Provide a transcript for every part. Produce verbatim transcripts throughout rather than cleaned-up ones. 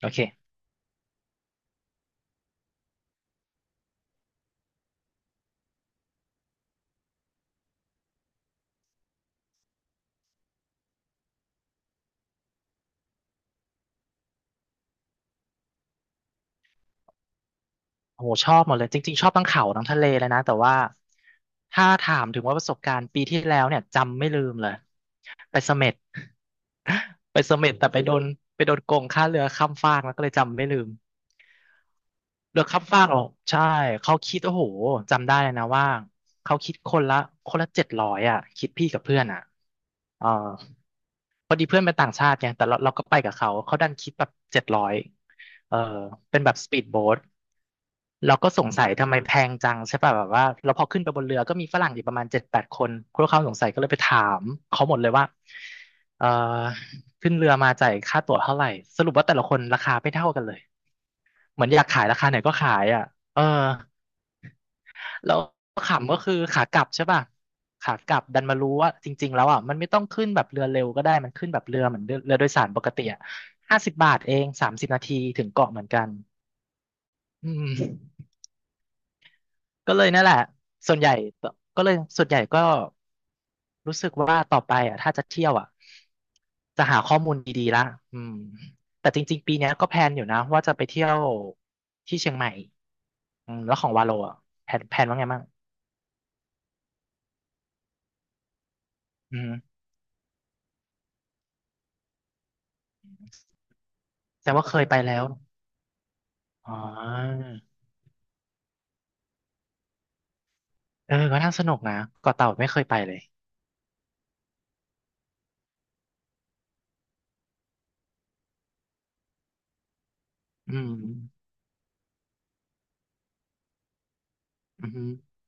โอเคโอ้โหชอบหมดเลยจริงๆชอบทั้งเขาทั้งทะเลเลยนะแต่ว่าถ้าถามถึงว่าประสบการณ์ปีที่แล้วเนี่ยจำไม่ลืมเลยไปเสม็ด ไปเสม็ดแต่ไปโดนไปโดนโกงค่าเรือข้ามฟากแล้วก็เลยจำไม่ลืม เรือกข้ามฟากอหรอกใช่เขาคิดโอ้โหจำได้เลยนะว่าเขาคิดคนละคนละเจ็ดร้อยอ่ะคิดพี่กับเพื่อนอ่ะเออพอดีเพื่อนเป็นต่างชาติไงแต่เราเราก็ไปกับเขาเขาดันคิดแบบเจ็ดร้อยเออเป็นแบบสปีดโบ๊ทเราก็สงสัยทำไมแพงจังใช่ป่ะแบบว่าเราพอขึ้นไปบนเรือก็มีฝรั่งอยู่ประมาณเจ็ดแปดคนพวกเขาสงสัยก็เลยไปถามเขาหมดเลยว่าเออขึ้นเรือมาจ่ายค่าตั๋วเท่าไหร่สรุปว่าแต่ละคนราคาไม่เท่ากันเลย เหมือนอยากขายราคาไหนก็ขายอ่ะเออแล้วขำก็คือขากลับใช่ป่ะ ขากลับดันมารู้ว่าจริงๆแล้วอ่ะมันไม่ต้องขึ้นแบบเรือเร็วก็ได้มันขึ้นแบบเรือเหมือนเรือเรือโดยสารปกติอ่ะห้าสิบบาทเองสามสิบนาทีถึงเกาะเหมือนกันอืม ก็เลยนั่นแหละส่วนใหญ่ก็เลยส่วนใหญ่ก็รู้สึกว่าต่อไปอ่ะถ้าจะเที่ยวอ่ะจะหาข้อมูลดีๆละอืมแต่จริงๆปีเนี้ยก็แพลนอยู่นะว่าจะไปเที่ยวที่เชียงใหม่อืมแล้วของวาโลอ่ะแพลนแพลนว่าไงบ้างอืมแสดงว่าเคยไปแล้วอ๋อเออก็น่าสนุกนะเกาะเต่าไม่เคยไปเลยอืมอืม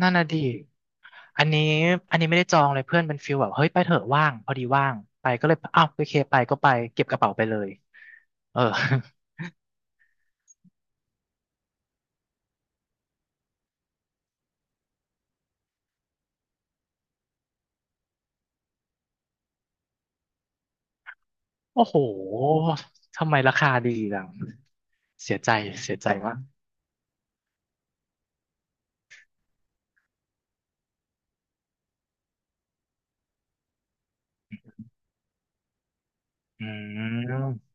นั่นน่ะดิอันนี้อันนี้ไม่ได้จองเลยเพื่อนเป็นฟิลแบบเฮ้ยไปเถอะว่างพอดีว่างไปก็เลยอ้าวโอเคไปก็ไปเก็บกระเป๋าไปเลยเออ โอ้โหทำไมราคาดีจังเสียใจเสียใจมากอืม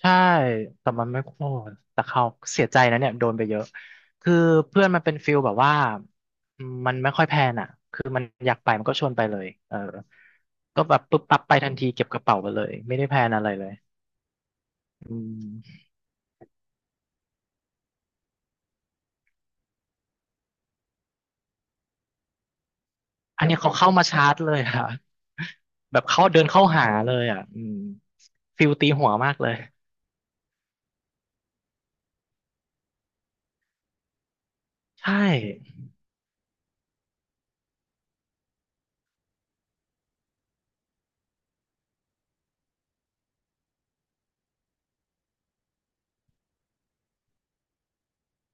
ใช่แต่มันไม่โอ้แต่เขาเสียใจนะเนี่ยโดนไปเยอะคือเพื่อนมันเป็นฟิลแบบว่ามันไม่ค่อยแพลนอ่ะคือมันอยากไปมันก็ชวนไปเลยเออก็แบบปุ๊บปั๊บไปทันทีเก็บกระเป๋าไปเลยไม่ได้แพลนอะไรเลยอืม อันเนี้ยเขาเข้ามาชาร์จเลยค่ะแบบเขาเดินเข้าหาเลยอ่ะอืมฟิลตีหัวมากเลยใช่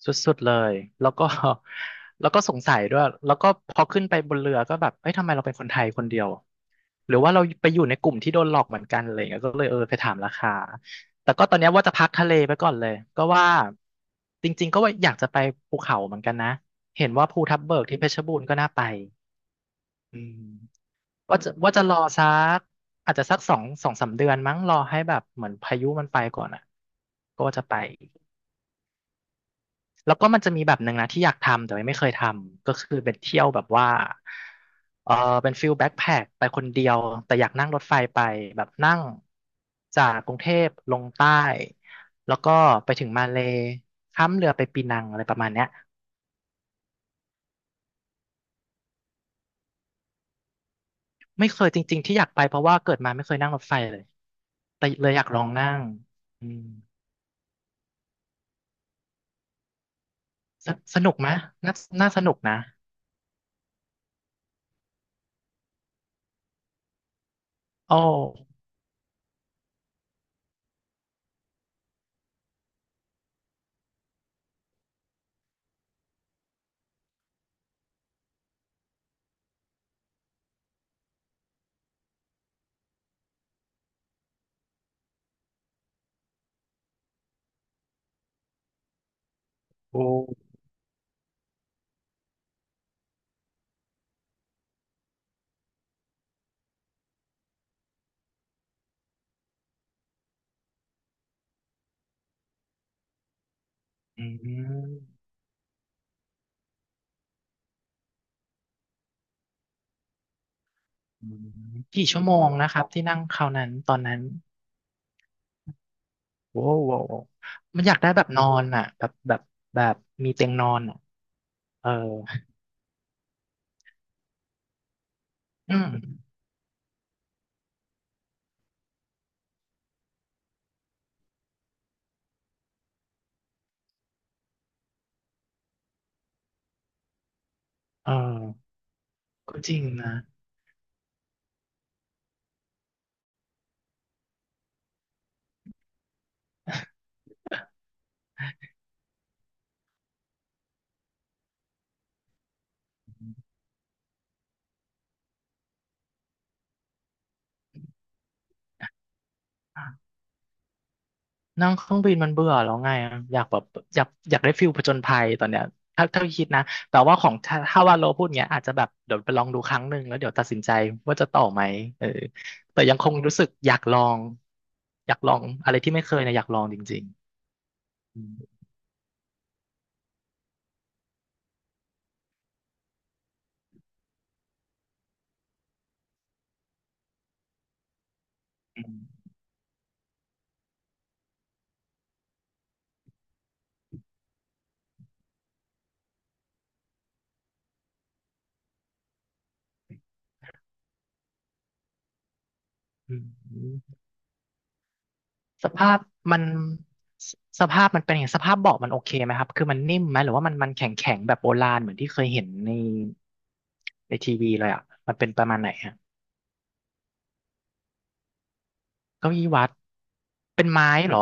สุดๆเลยแล้วก็ แล้วก็สงสัยด้วยแล้วก็พอขึ้นไปบนเรือก็แบบเอ้ยทำไมเราเป็นคนไทยคนเดียวหรือว่าเราไปอยู่ในกลุ่มที่โดนหลอกเหมือนกันอะไรอย่างเงี้ยก็เลยเออไปถามราคาแต่ก็ตอนเนี้ยว่าจะพักทะเลไปก่อนเลยก็ว่าจริงๆก็ว่าอยากจะไปภูเขาเหมือนกันนะเห็นว่าภูทับเบิกที่เพชรบูรณ์ก็น่าไปอืม ว่าจะว่าจะรอสักอาจจะสักสองสองสามเดือนมั้งรอให้แบบเหมือนพายุมันไปก่อนอ่ะก็จะไปแล้วก็มันจะมีแบบหนึ่งนะที่อยากทำแต่ว่าไม่เคยทำก็คือเป็นเที่ยวแบบว่าเออเป็นฟิลแบ็คแพ็คไปคนเดียวแต่อยากนั่งรถไฟไปแบบนั่งจากกรุงเทพลงใต้แล้วก็ไปถึงมาเลย์ข้ามเรือไปปีนังอะไรประมาณเนี้ยไม่เคยจริงๆที่อยากไปเพราะว่าเกิดมาไม่เคยนั่งรถไฟเลยแต่เลยอยากลองนั่งอืม สสนุกไหมน่าน่าสนุกนะ โอ้ โอ้อืมอืมกี่ชั่วโมงนะครับที่นั่งคราวนั้นตอนนั้นโว้วโววมันอยากได้แบบนอนอ่ะแบบแบบแบบมีเตียงนอนอ่ะเอออืมเออก็จริงนะ นั่งเครื่องบินมันเบื่อแล้วไงอะอยากแบบอยากอยากได้ฟิลผจญภัยตอนเนี้ยถ้าถ้าคิดนะแต่ว่าของถ้าถ้าว่าโลพูดเงี้ยอาจจะแบบเดี๋ยวไปลองดูครั้งหนึ่งแล้วเดี๋ยวตัดสินใจว่าจะต่อไหมเออแต่ยังคงรู้สึกอยากลองอยากลองอะไรที่ไม่เคยนะอยากลองจริงๆอืมอืมอืมสภาพมันสสภาพมันเป็นยังไงสภาพเบาะมันโอเคไหมครับคือมันนิ่มไหมหรือว่ามันมันแข็งแข็งแบบโบราณเหมือนที่เคยเห็นในในทีวีเลยอ่ะมันเป็นประมาณไหนฮะ เก้าอี้วัดเป็นไม้เหรอ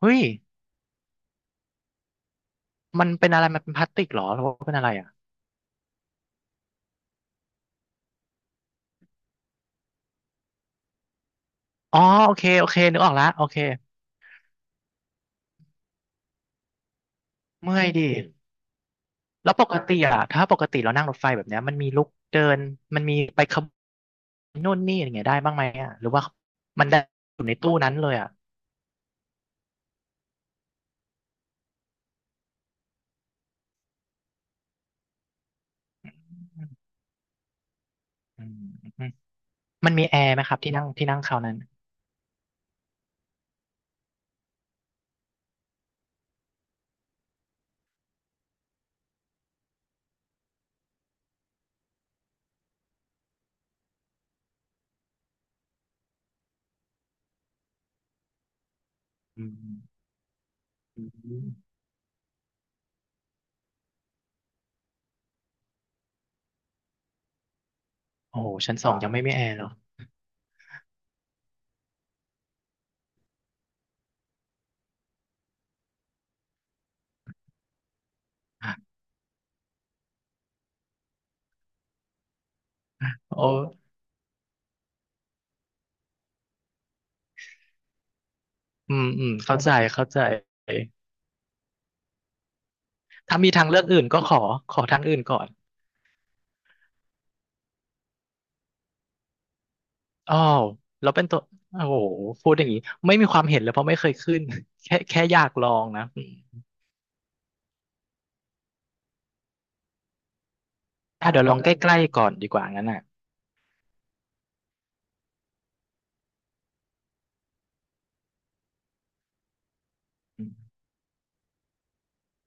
เฮ้ยมันเป็นอะไรมันเป็นพลาสติกเหรอหรือว่าเป็นอะไรอ่ะอ๋อโอเคโอเคนึกออกละโอเคเมื่อยดิแล้วปกติอ่ะถ้าปกติเรานั่งรถไฟแบบเนี้ยมันมีลุกเดินมันมีไปขบวนนู่นนี่อะไรเงี้ยได้บ้างไหมอ่ะหรือว่ามันได้อยู่ในตู้นั้นเลยอ่ะอืมอืมมันมีแอร์ไหมครับที่นั่งที่นั่งคราวนั้นอืมอืมโอ้โหชั้นสองยังไม่มีแอร์เหรอโอ้อืมอืมเข้าใจเข้าใจ ถ้ามีทางเลือกอื่นก็ขอขอทางอื่นก่อนอ้าวแล้วเป็นตัว โอ้โหพูดอย่างนี้ ไม่มีความเห็นเลยเพราะไม่เคยขึ้น แค่แค่อยากลองนะอมอ่ะเดี๋ยวลองใกล้ๆก่อนดีกว่างั้นอ่ะ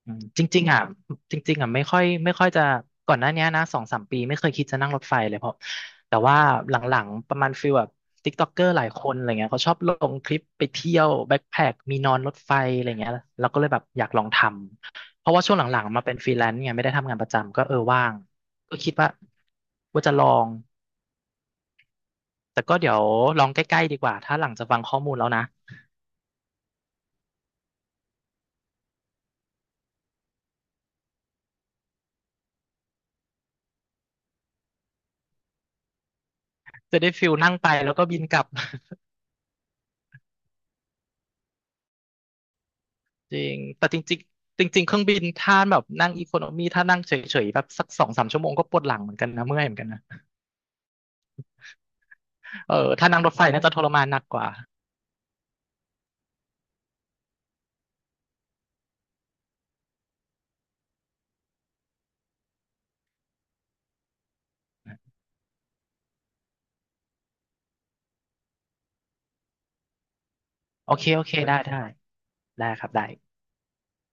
อืมจริงๆอ่ะจริงๆอ่ะไม่ค่อยไม่ค่อยจะก่อนหน้าเนี้ยนะสองสามปีไม่เคยคิดจะนั่งรถไฟเลยเพราะแต่ว่าหลังๆประมาณฟิลแบบติ๊กต็อกเกอร์หลายคนอะไรเงี้ยเขาชอบลงคลิปไปเที่ยวแบ็คแพ็คมีนอนรถไฟอะไรเงี้ยเราก็เลยแบบอยากลองทำเพราะว่าช่วงหลังๆมาเป็นฟรีแลนซ์ไงไม่ได้ทำงานประจำก็เออว่างก็คิดว่าว่าจะลองแต่ก็เดี๋ยวลองใกล้ๆดีกว่าถ้าหลังจากฟังข้อมูลแล้วนะจะได้ฟิลนั่งไปแล้วก็บินกลับ จริง แต่จริงๆจริงๆเครื่องบินถ้าแบบนั่งอีโคโนมีถ้านั่งเฉยๆแบบสักสองสามชั่วโมงก็ปวดหลังเหมือนกันนะเมื่อยเหมือนกันนะเออถ้านั่งรถไฟน่าจะทรมานหนักกว่าโอเคโอเคได้ได้ได้ครับได้